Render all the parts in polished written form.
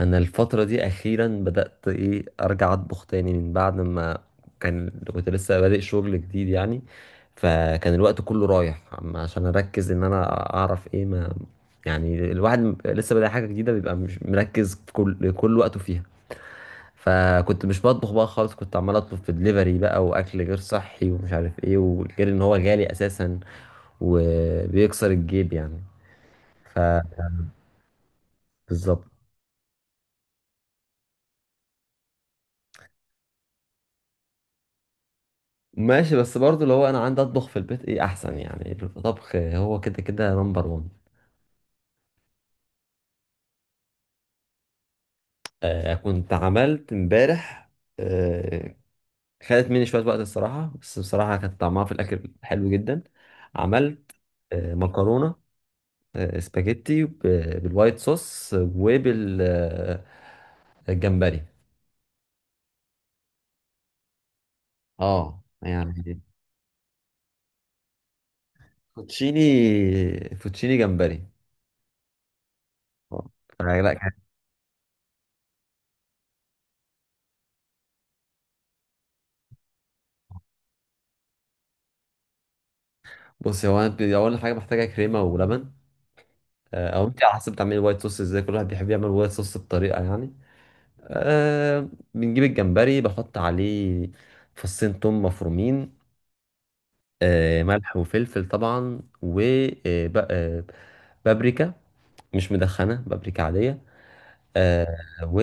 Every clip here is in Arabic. انا الفتره دي اخيرا بدات ارجع اطبخ تاني من بعد ما كنت لسه بادئ شغل جديد يعني. فكان الوقت كله رايح عشان اركز ان انا اعرف ما. يعني الواحد لسه بادئ حاجه جديده بيبقى مش مركز في كل وقته فيها. فكنت مش بطبخ بقى خالص، كنت عمال اطلب في دليفري بقى، واكل غير صحي ومش عارف ايه، وغير ان هو غالي اساسا وبيكسر الجيب يعني، فبالظبط. ماشي، بس برضو اللي هو انا عندي اطبخ في البيت ايه احسن، يعني الطبخ هو كده كده نمبر وان. آه، كنت عملت امبارح. آه. خدت مني شوية وقت الصراحة، بس بصراحة كان طعمها في الاكل حلو جدا. عملت مكرونة. سباجيتي بالوايت صوص وبال آه، الجمبري. اه، يعني فوتشيني جمبري. آه. لا، بص، هو انا اول حاجه محتاجه كريمه ولبن. او انت على حسب بتعملي وايت صوص ازاي، كل واحد بيحب يعمل وايت صوص بطريقه يعني. أه. بنجيب الجمبري، بحط عليه فصين توم مفرومين. أه، ملح وفلفل طبعا و آه، ب- آه، بابريكا، مش مدخنه، بابريكا عاديه. أه. و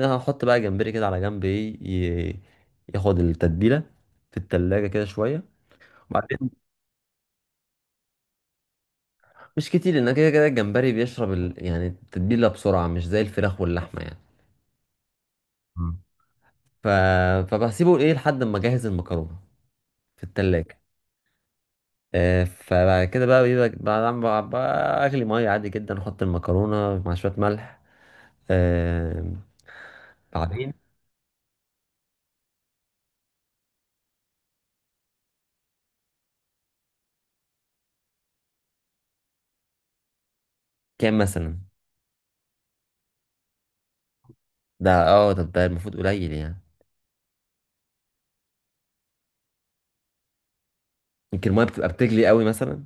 هحط بقى جمبري كده على جنب، ايه ياخد التتبيله في التلاجة كده شويه. وبعدين، مش كتير لان كده كده الجمبري بيشرب يعني التتبيله بسرعه، مش زي الفراخ واللحمه. يعني ف... فبسيبه ايه لحد ما اجهز المكرونه في التلاجة. فبعد كده بقى بيبقى بعد ما اغلي ميه عادي جدا، احط المكرونه مع شويه ملح. آه، بعدين كام مثلا؟ ده اه ده ده المفروض قليل يعني. يمكن الميه بتبقى بتغلي قوي مثلا.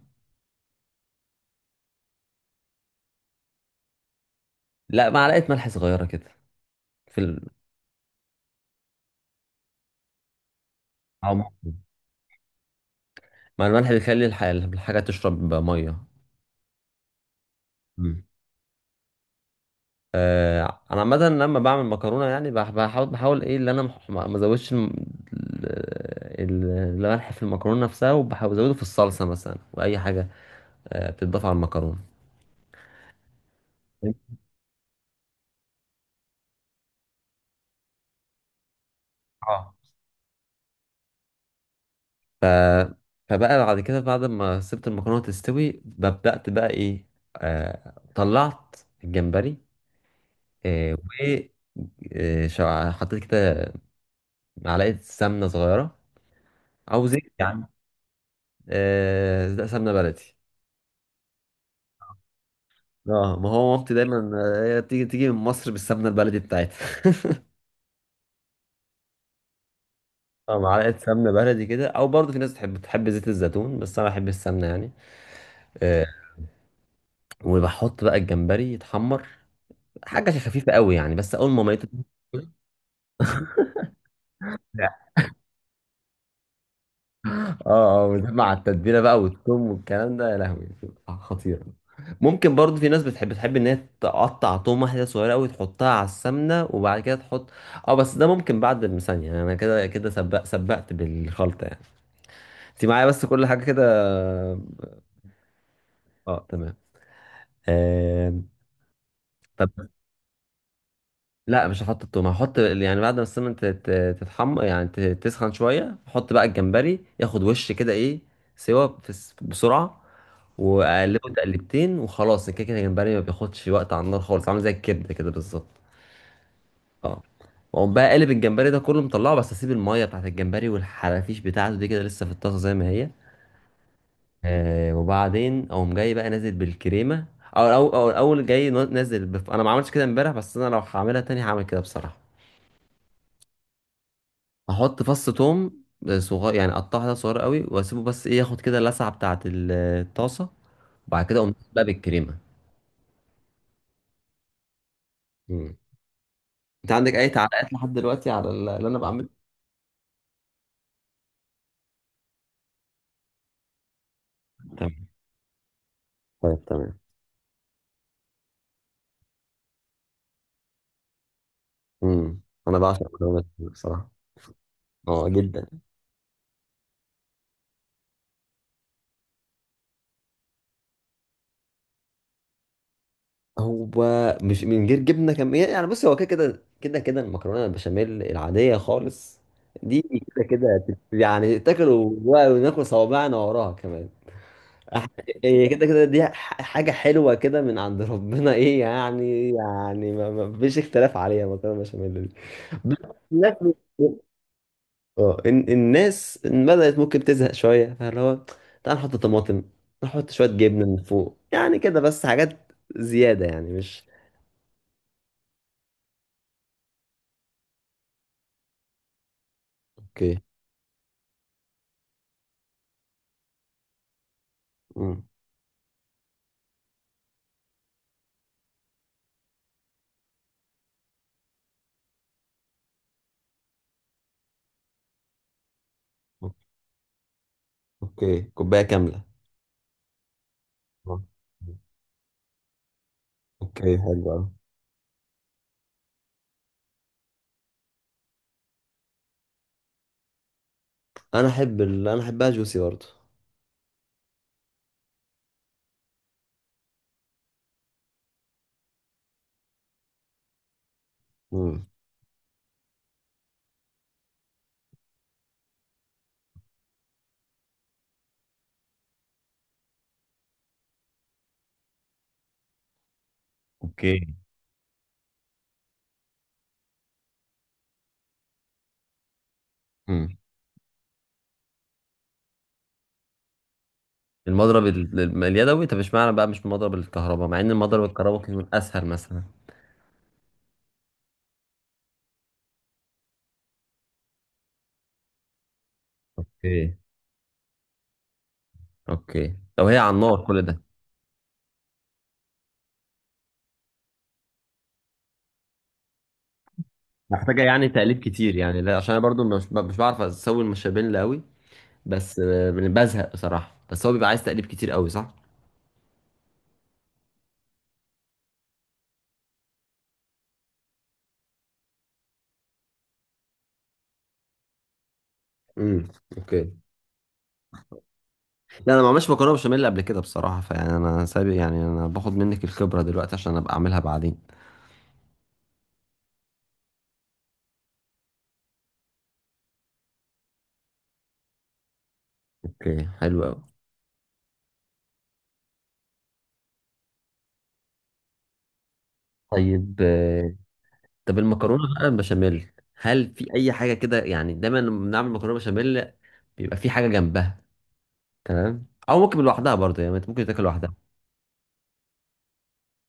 لا، معلقه ملح صغيره كده في أو ممكن. مع الملح بيخلي الحاجه تشرب ميه. انا عامه لما بعمل مكرونه يعني بحاول اللي انا ما ازودش الملح في المكرونه نفسها، وبحاول ازوده في الصلصه مثلا، واي حاجه بتضاف على المكرونه. اه. ف فبقى بعد كده، بعد ما سبت المكرونه تستوي، بدات بقى ايه آه، طلعت الجمبري. و حطيت كده معلقه سمنه صغيره او زيت يعني. ده سمنه بلدي. اه، ما هو مامتي دايما هي تيجي من مصر بالسمنه البلدي بتاعتها. اه، معلقه سمنه بلدي كده، او برضه في ناس تحب زيت الزيتون، بس انا بحب السمنه يعني. آه وبحط بقى الجمبري يتحمر، حاجه خفيفه قوي يعني، بس اول ما ميته. لا. اه اه، وده مع التتبيله بقى والثوم والكلام ده، يا لهوي بتبقى خطيره. ممكن برضه في ناس تحب ان هي تقطع توم واحده صغيره قوي تحطها على السمنه، وبعد كده تحط اه، بس ده ممكن بعد المثانيه، يعني انا كده كده سبقت بالخلطه يعني. انت معايا بس كل حاجه كده. اه، تمام. آه... طب، لا، مش هحط التوم، هحط يعني بعد ما السمنه تتحمر، يعني تسخن شويه، احط بقى الجمبري ياخد وش كده، ايه سوا في بسرعه، واقلبه تقلبتين وخلاص. كده كده الجمبري ما بياخدش وقت على النار خالص، عامل زي الكبده كده بالظبط. اه، واقوم بقى قلب الجمبري ده كله مطلعه، بس اسيب الميه بتاعت الجمبري والحرافيش بتاعته دي كده لسه في الطاسه زي ما هي. وبعدين اقوم جاي بقى نازل بالكريمه، او اول جاي نازل انا ما عملتش كده امبارح، بس انا لو هعملها تاني هعمل كده بصراحه. احط فص توم صغير يعني، اقطعه كده صغير قوي واسيبه، بس ايه ياخد كده اللسعه بتاعه الطاسه، وبعد كده اقوم نازل بقى بالكريمه. مم. انت عندك اي تعليقات لحد دلوقتي على اللي انا بعمله؟ تمام، طيب تمام. امم انا بعشق المكرونه بصراحه. اه، جدا. هو مش من غير جبنه كم يعني بص، هو كده كده كده كده المكرونه البشاميل العاديه خالص دي كده كده يعني تاكل وناكل صوابعنا وراها كمان. أح- هي كده كده دي حاجه حلوه كده من عند ربنا، ايه يعني ما فيش اختلاف عليها المكرونه البشاميل دي. بس- الناس بدأت ممكن تزهق شوية، فاللي هو تعال نحط طماطم، نحط شوية جبنة من فوق، يعني كده بس، حاجات زيادة يعني، مش. مم. اوكي، كوباية كاملة. آه. اوكي، حلو أوي. انا احبها جوسي برضه. مم. اوكي. مم. اليدوي؟ طب اشمعنى بقى مش مضرب الكهرباء، مع ان المضرب الكهرباء ممكن يكون اسهل مثلا؟ اوكي، اوكي، لو هي على النار كل ده. محتاجة يعني تقليب كتير يعني؟ لا عشان انا برضو مش بعرف اسوي المشابين لا قوي. بس بزهق بصراحة، بس هو بيبقى عايز تقليب كتير قوي صح؟ مم. اوكي. لا، انا ما عملتش مكرونه بشاميل قبل كده بصراحه، فيعني انا سابق، يعني انا باخد منك الخبره دلوقتي عشان ابقى اعملها بعدين. اوكي حلو قوي. طيب طب المكرونه بقى البشاميل، هل في اي حاجه كده؟ يعني دايما لما بنعمل مكرونه بشاميل بيبقى في حاجه جنبها. تمام، او ممكن لوحدها برضه، يعني ممكن تاكل لوحدها.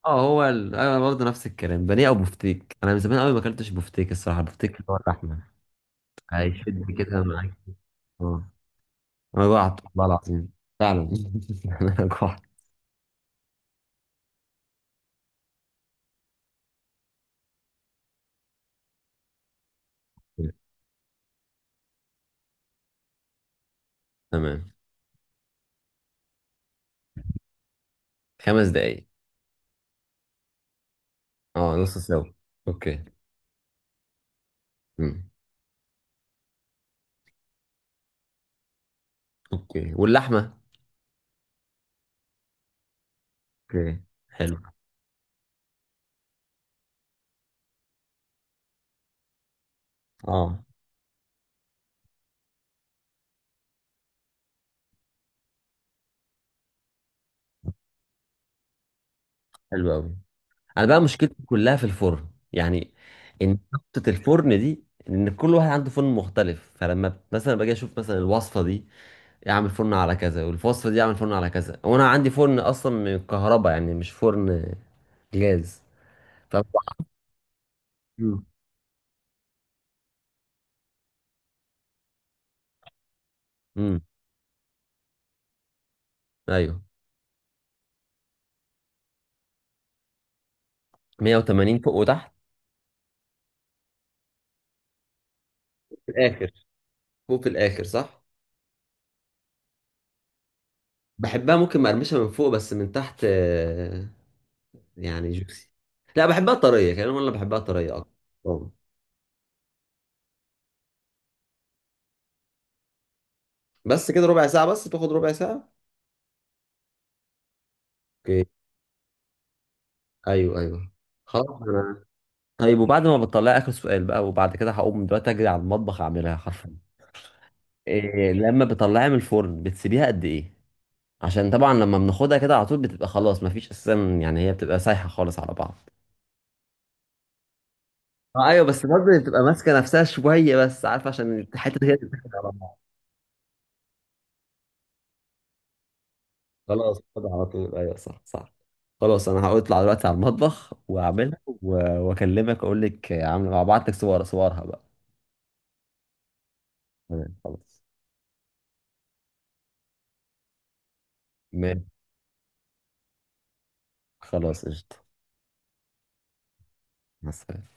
اه، انا برضه نفس الكلام، بانيه او بفتيك، انا من زمان قوي ما اكلتش بفتيك الصراحه، بفتيك اللي هو اللحمه. هيشد كده معاك. اه انا جوعت والله العظيم، فعلا. انا جوعت. تمام. خمس دقايق. اه نص سوا. اوكي. امم اوكي، واللحمه. اوكي، حلو. اه حلو قوي. انا بقى مشكلتي كلها في الفرن يعني، ان نقطه الفرن دي، ان كل واحد عنده فرن مختلف، فلما مثلا باجي اشوف مثلا الوصفه دي اعمل فرن على كذا، والوصفه دي اعمل فرن على كذا، وانا عندي فرن اصلا من الكهرباء يعني، مش فرن جاز. ف امم أمم. ايوه، 180 فوق وتحت في الاخر، فوق في الاخر صح. بحبها ممكن مقرمشه من فوق، بس من تحت يعني جوسي. لا، بحبها طريه كمان، انا بحبها طريه اكتر. أه. بس كده ربع ساعه بس؟ تاخد ربع ساعه؟ اوكي. ايوه، ايوه. خلاص انا. طيب، وبعد ما بتطلعي، اخر سؤال بقى وبعد كده هقوم دلوقتي اجري على المطبخ اعملها حرفيا، إيه لما بتطلعيها من الفرن بتسيبيها قد ايه؟ عشان طبعا لما بناخدها كده على طول بتبقى خلاص مفيش اساسا، يعني هي بتبقى سايحه خالص على بعض. ايوه، بس برضه بتبقى ماسكه نفسها شويه، بس عارفه عشان الحته دي هي اللي بتاخد على بعض. خلاص كده على طول. ايوه، صح صح. خلاص، انا هطلع دلوقتي على المطبخ واعملها واكلمك اقول لك عامله، هبعت لك صورها بقى. تمام، خلاص. ماشي، خلاص قشطه. مع السلامه.